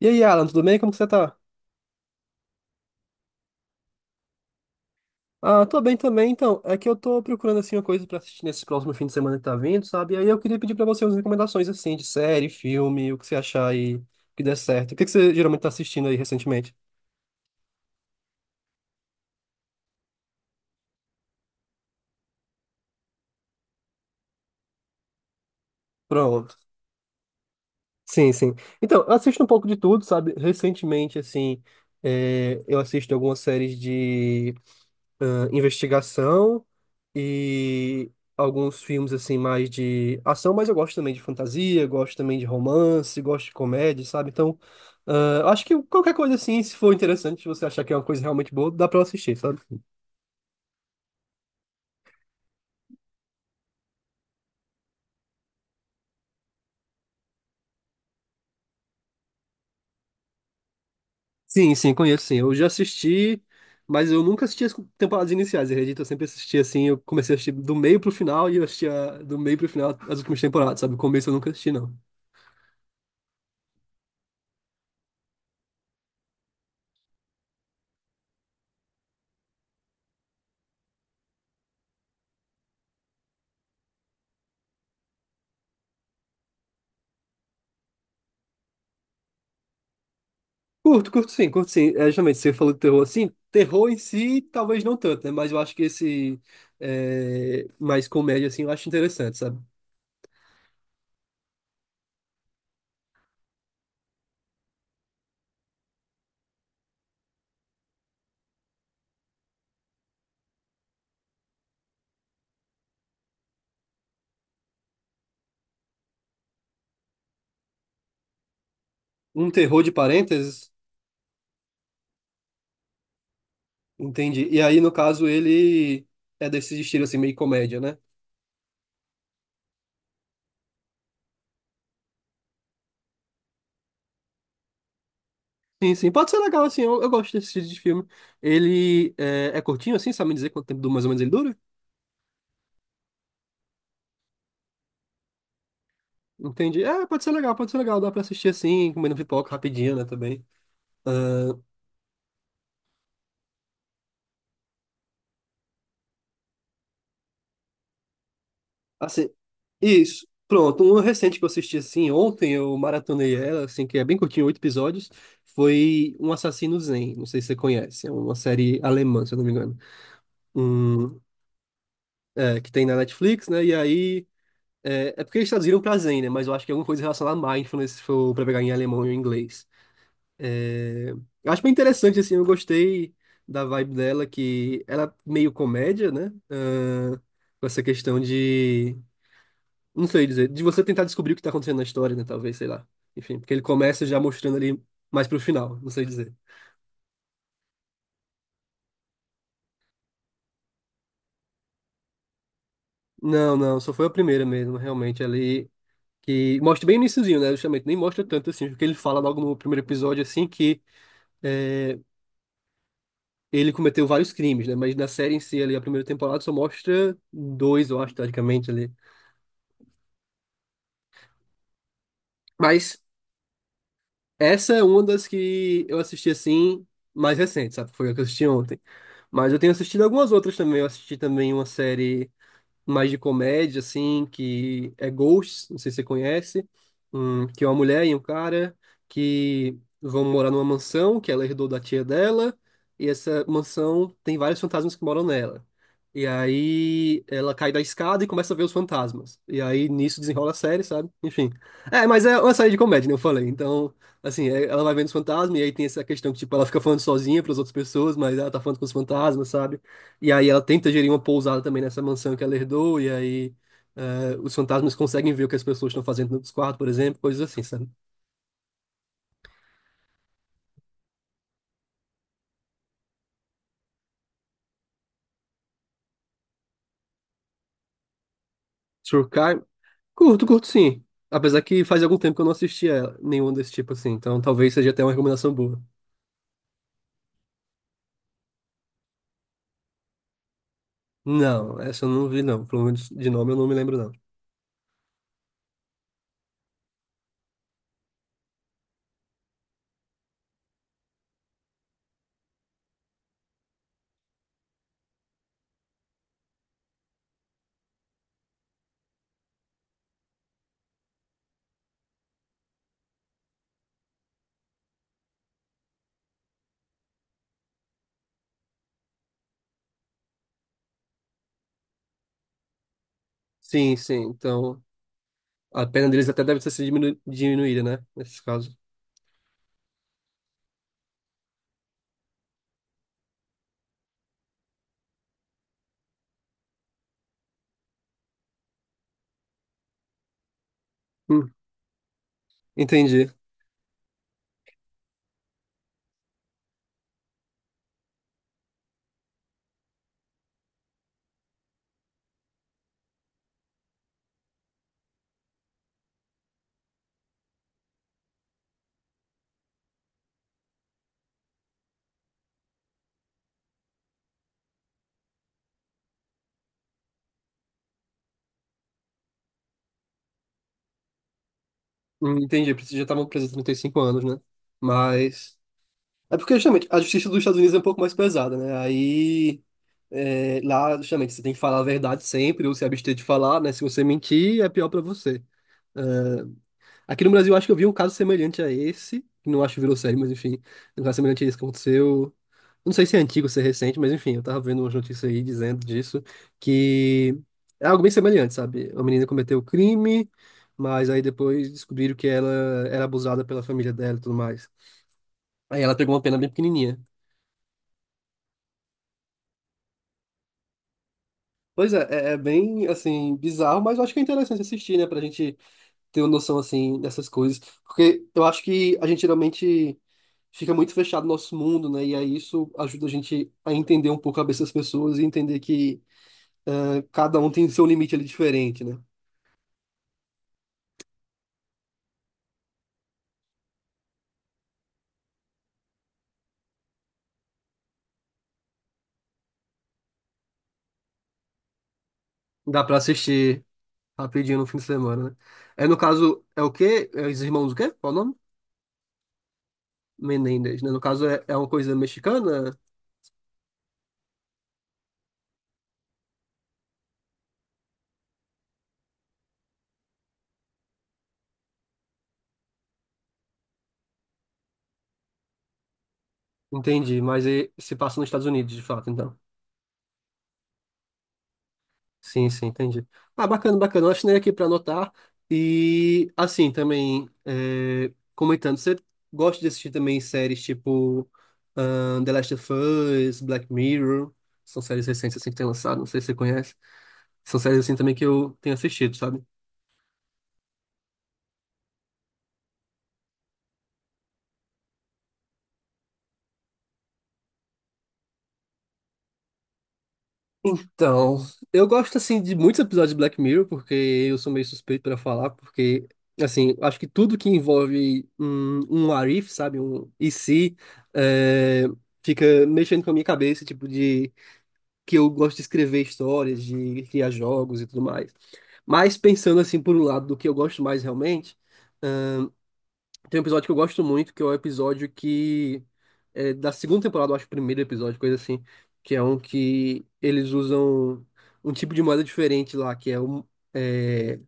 E aí, Alan, tudo bem? Como que você tá? Ah, tô bem também, então. É que eu tô procurando, assim, uma coisa pra assistir nesse próximo fim de semana que tá vindo, sabe? E aí eu queria pedir pra você umas recomendações, assim, de série, filme, o que você achar aí que der certo. O que que você geralmente tá assistindo aí recentemente? Pronto. Sim, sim. Então, eu assisto um pouco de tudo, sabe? Recentemente, assim, eu assisto algumas séries de investigação. E alguns filmes assim mais de ação, mas eu gosto também de fantasia, gosto também de romance, gosto de comédia, sabe? Então, acho que qualquer coisa assim, se for interessante, se você achar que é uma coisa realmente boa, dá pra eu assistir, sabe? Sim, sim, conheço, sim. Eu já assisti, mas eu nunca assisti as temporadas iniciais, acredito. Eu sempre assisti assim, eu comecei a assistir do meio pro final e eu assistia do meio pro final as últimas temporadas, sabe? O começo eu nunca assisti, não. Curto, curto sim, curto sim. É, justamente, você falou de terror, assim, terror em si, talvez não tanto, né? Mas eu acho que esse mais comédia, assim, eu acho interessante, sabe? Um terror de parênteses, entendi. E aí, no caso, ele é desse estilo, assim, meio comédia, né? Sim, sim, pode ser legal, assim, eu gosto desse estilo de filme. Ele é, é curtinho, assim, sabe me dizer quanto tempo mais ou menos ele dura? Entendi. É, pode ser legal, dá pra assistir assim, comendo pipoca rapidinho, né, também. Assim, isso. Pronto, um recente que eu assisti assim ontem, eu maratonei ela, assim, que é bem curtinho, 8 episódios, foi Um Assassino Zen. Não sei se você conhece, é uma série alemã, se eu não me engano. um que tem na Netflix, né? E aí. É, é porque eles traduziram pra Zen, né? Mas eu acho que é alguma coisa relacionada a mindfulness, se for pra pegar em alemão ou em inglês. É, eu acho bem interessante, assim, eu gostei da vibe dela, que ela é meio comédia, né? Com essa questão de não sei dizer. De você tentar descobrir o que tá acontecendo na história, né? Talvez, sei lá. Enfim, porque ele começa já mostrando ali mais pro final. Não sei dizer. Não, não. Só foi a primeira mesmo, realmente. Ali que mostra bem o iniciozinho, né? Justamente. Nem mostra tanto assim. Porque ele fala logo no primeiro episódio, assim, que é, ele cometeu vários crimes, né? Mas na série em si, ali, a primeira temporada só mostra dois, eu acho, teoricamente ali. Mas essa é uma das que eu assisti, assim, mais recente, sabe? Foi a que eu assisti ontem. Mas eu tenho assistido algumas outras também. Eu assisti também uma série mais de comédia, assim, que é Ghosts, não sei se você conhece, que é uma mulher e um cara que vão morar numa mansão que ela herdou da tia dela, e essa mansão tem vários fantasmas que moram nela. E aí ela cai da escada e começa a ver os fantasmas. E aí nisso desenrola a série, sabe? Enfim. É, mas é uma série de comédia, né? Eu falei. Então, assim, ela vai vendo os fantasmas e aí tem essa questão que, tipo, ela fica falando sozinha para as outras pessoas, mas ela tá falando com os fantasmas, sabe? E aí ela tenta gerir uma pousada também nessa mansão que ela herdou, e aí os fantasmas conseguem ver o que as pessoas estão fazendo nos quartos, por exemplo, coisas assim, sabe? Surkai, curto, curto sim. Apesar que faz algum tempo que eu não assisti a nenhum desse tipo assim, então talvez seja até uma recomendação boa. Não, essa eu não vi não, pelo menos de nome eu não me lembro não. Sim, sim, então a pena deles até deve ter sido diminuída, né? Nesses casos. Hum, entendi. Entendi, porque já estavam presos há 35 anos, né? Mas... É porque, justamente, a justiça dos Estados Unidos é um pouco mais pesada, né? Aí, é, lá, justamente, você tem que falar a verdade sempre, ou se abster de falar, né? Se você mentir, é pior pra você. É, Aqui no Brasil, eu acho que eu vi um caso semelhante a esse, que não acho que virou série, mas enfim, um caso semelhante a esse que aconteceu. Não sei se é antigo, se é recente, mas enfim, eu tava vendo umas notícias aí dizendo disso, que é algo bem semelhante, sabe? Uma menina cometeu o crime, mas aí depois descobriram que ela era abusada pela família dela e tudo mais. Aí ela pegou uma pena bem pequenininha. Pois é, é, é bem, assim, bizarro, mas eu acho que é interessante assistir, né? Pra gente ter uma noção, assim, dessas coisas. Porque eu acho que a gente geralmente fica muito fechado no nosso mundo, né? E aí isso ajuda a gente a entender um pouco a cabeça das pessoas e entender que, né, cada um tem seu limite ali diferente, né? Dá pra assistir rapidinho no fim de semana, né? É, no caso, é o quê? É os irmãos o quê? Qual o nome? Menendez, né? No caso, é, é uma coisa mexicana? Entendi, mas é- se passa nos Estados Unidos, de fato, então. Sim, sim, entendi. Ah, bacana, bacana. Eu assinei aqui para anotar. E, assim, também, é, comentando, você gosta de assistir também séries tipo The Last of Us, Black Mirror? São séries recentes, assim, que tem lançado, não sei se você conhece. São séries, assim, também que eu tenho assistido, sabe? Então, eu gosto assim de muitos episódios de Black Mirror, porque eu sou meio suspeito para falar, porque assim, acho que tudo que envolve um what if, sabe, um e se, é, fica mexendo com a minha cabeça, tipo de que eu gosto de escrever histórias, de criar jogos e tudo mais. Mas pensando assim por um lado do que eu gosto mais realmente, tem um episódio que eu gosto muito, que é o episódio que. É, da segunda temporada, eu acho, o primeiro episódio, coisa assim. Que é um que eles usam um tipo de moeda diferente lá, que é um. É,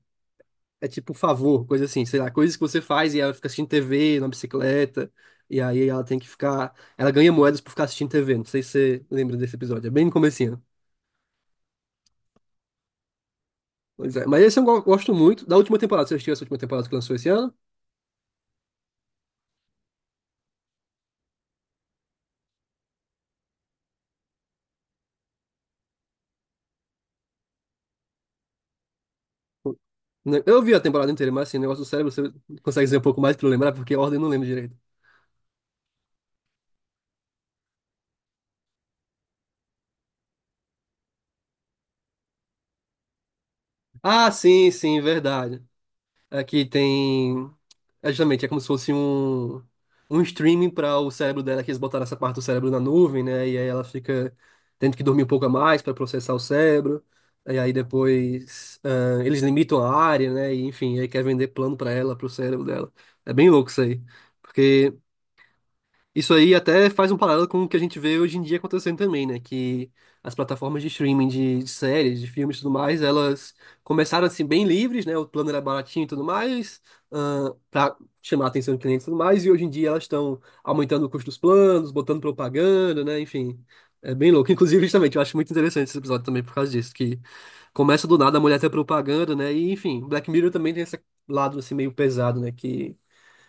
É tipo favor, coisa assim, sei lá, coisas que você faz e ela fica assistindo TV na bicicleta, e aí ela tem que ficar. Ela ganha moedas por ficar assistindo TV. Não sei se você lembra desse episódio, é bem no comecinho. Pois é. Mas esse eu gosto muito. Da última temporada, você assistiu essa última temporada que lançou esse ano? Né? Eu vi a temporada inteira, mas assim, o negócio do cérebro, você consegue dizer um pouco mais pra eu lembrar, porque a ordem eu não lembro direito. Ah, sim, sim, verdade. Aqui tem. É justamente, é como se fosse um streaming para o cérebro dela, que eles botaram essa parte do cérebro na nuvem, né? E aí ela fica tendo que dormir um pouco a mais para processar o cérebro. E aí depois eles limitam a área, né? E, enfim, aí quer vender plano para ela, para o cérebro dela. É bem louco isso aí. Porque isso aí até faz um paralelo com o que a gente vê hoje em dia acontecendo também, né? Que as plataformas de streaming de séries, de filmes e tudo mais, elas começaram assim bem livres, né? O plano era baratinho e tudo mais, para chamar a atenção do cliente e tudo mais, e hoje em dia elas estão aumentando o custo dos planos, botando propaganda, né? Enfim, é bem louco. Inclusive, justamente, eu acho muito interessante esse episódio também por causa disso, que começa do nada a mulher ter propaganda, né? E enfim, Black Mirror também tem esse lado assim meio pesado, né? Que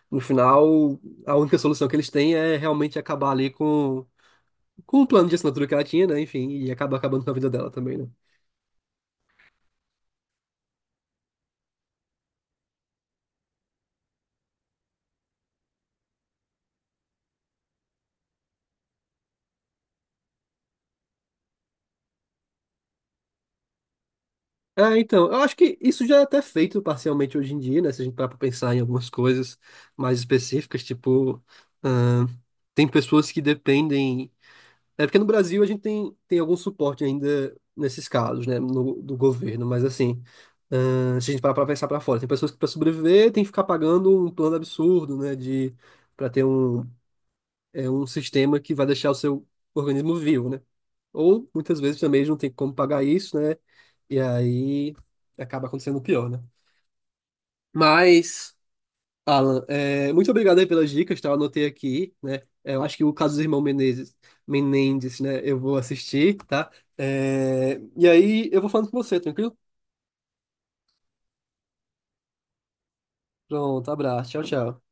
no final, a única solução que eles têm é realmente acabar ali com o plano de assinatura que ela tinha, né? Enfim, e acaba acabando com a vida dela também, né? É, então, eu acho que isso já é até feito parcialmente hoje em dia, né? Se a gente parar pra pensar em algumas coisas mais específicas, tipo, ahn, tem pessoas que dependem. É porque no Brasil a gente tem algum suporte ainda nesses casos, né? No, do governo, mas assim. Se a gente parar pra pensar pra fora, tem pessoas que pra sobreviver tem que ficar pagando um plano absurdo, né? De, para ter um é um sistema que vai deixar o seu organismo vivo, né? Ou muitas vezes também eles não tem como pagar isso, né? E aí acaba acontecendo o pior, né? Mas, Alan, é, muito obrigado aí pelas dicas, tá? Eu anotei aqui, né? É, eu acho que o caso do irmão Menezes, Menendez, né? Eu vou assistir, tá? É, e aí eu vou falando com você, tranquilo? Pronto, abraço, tchau, tchau.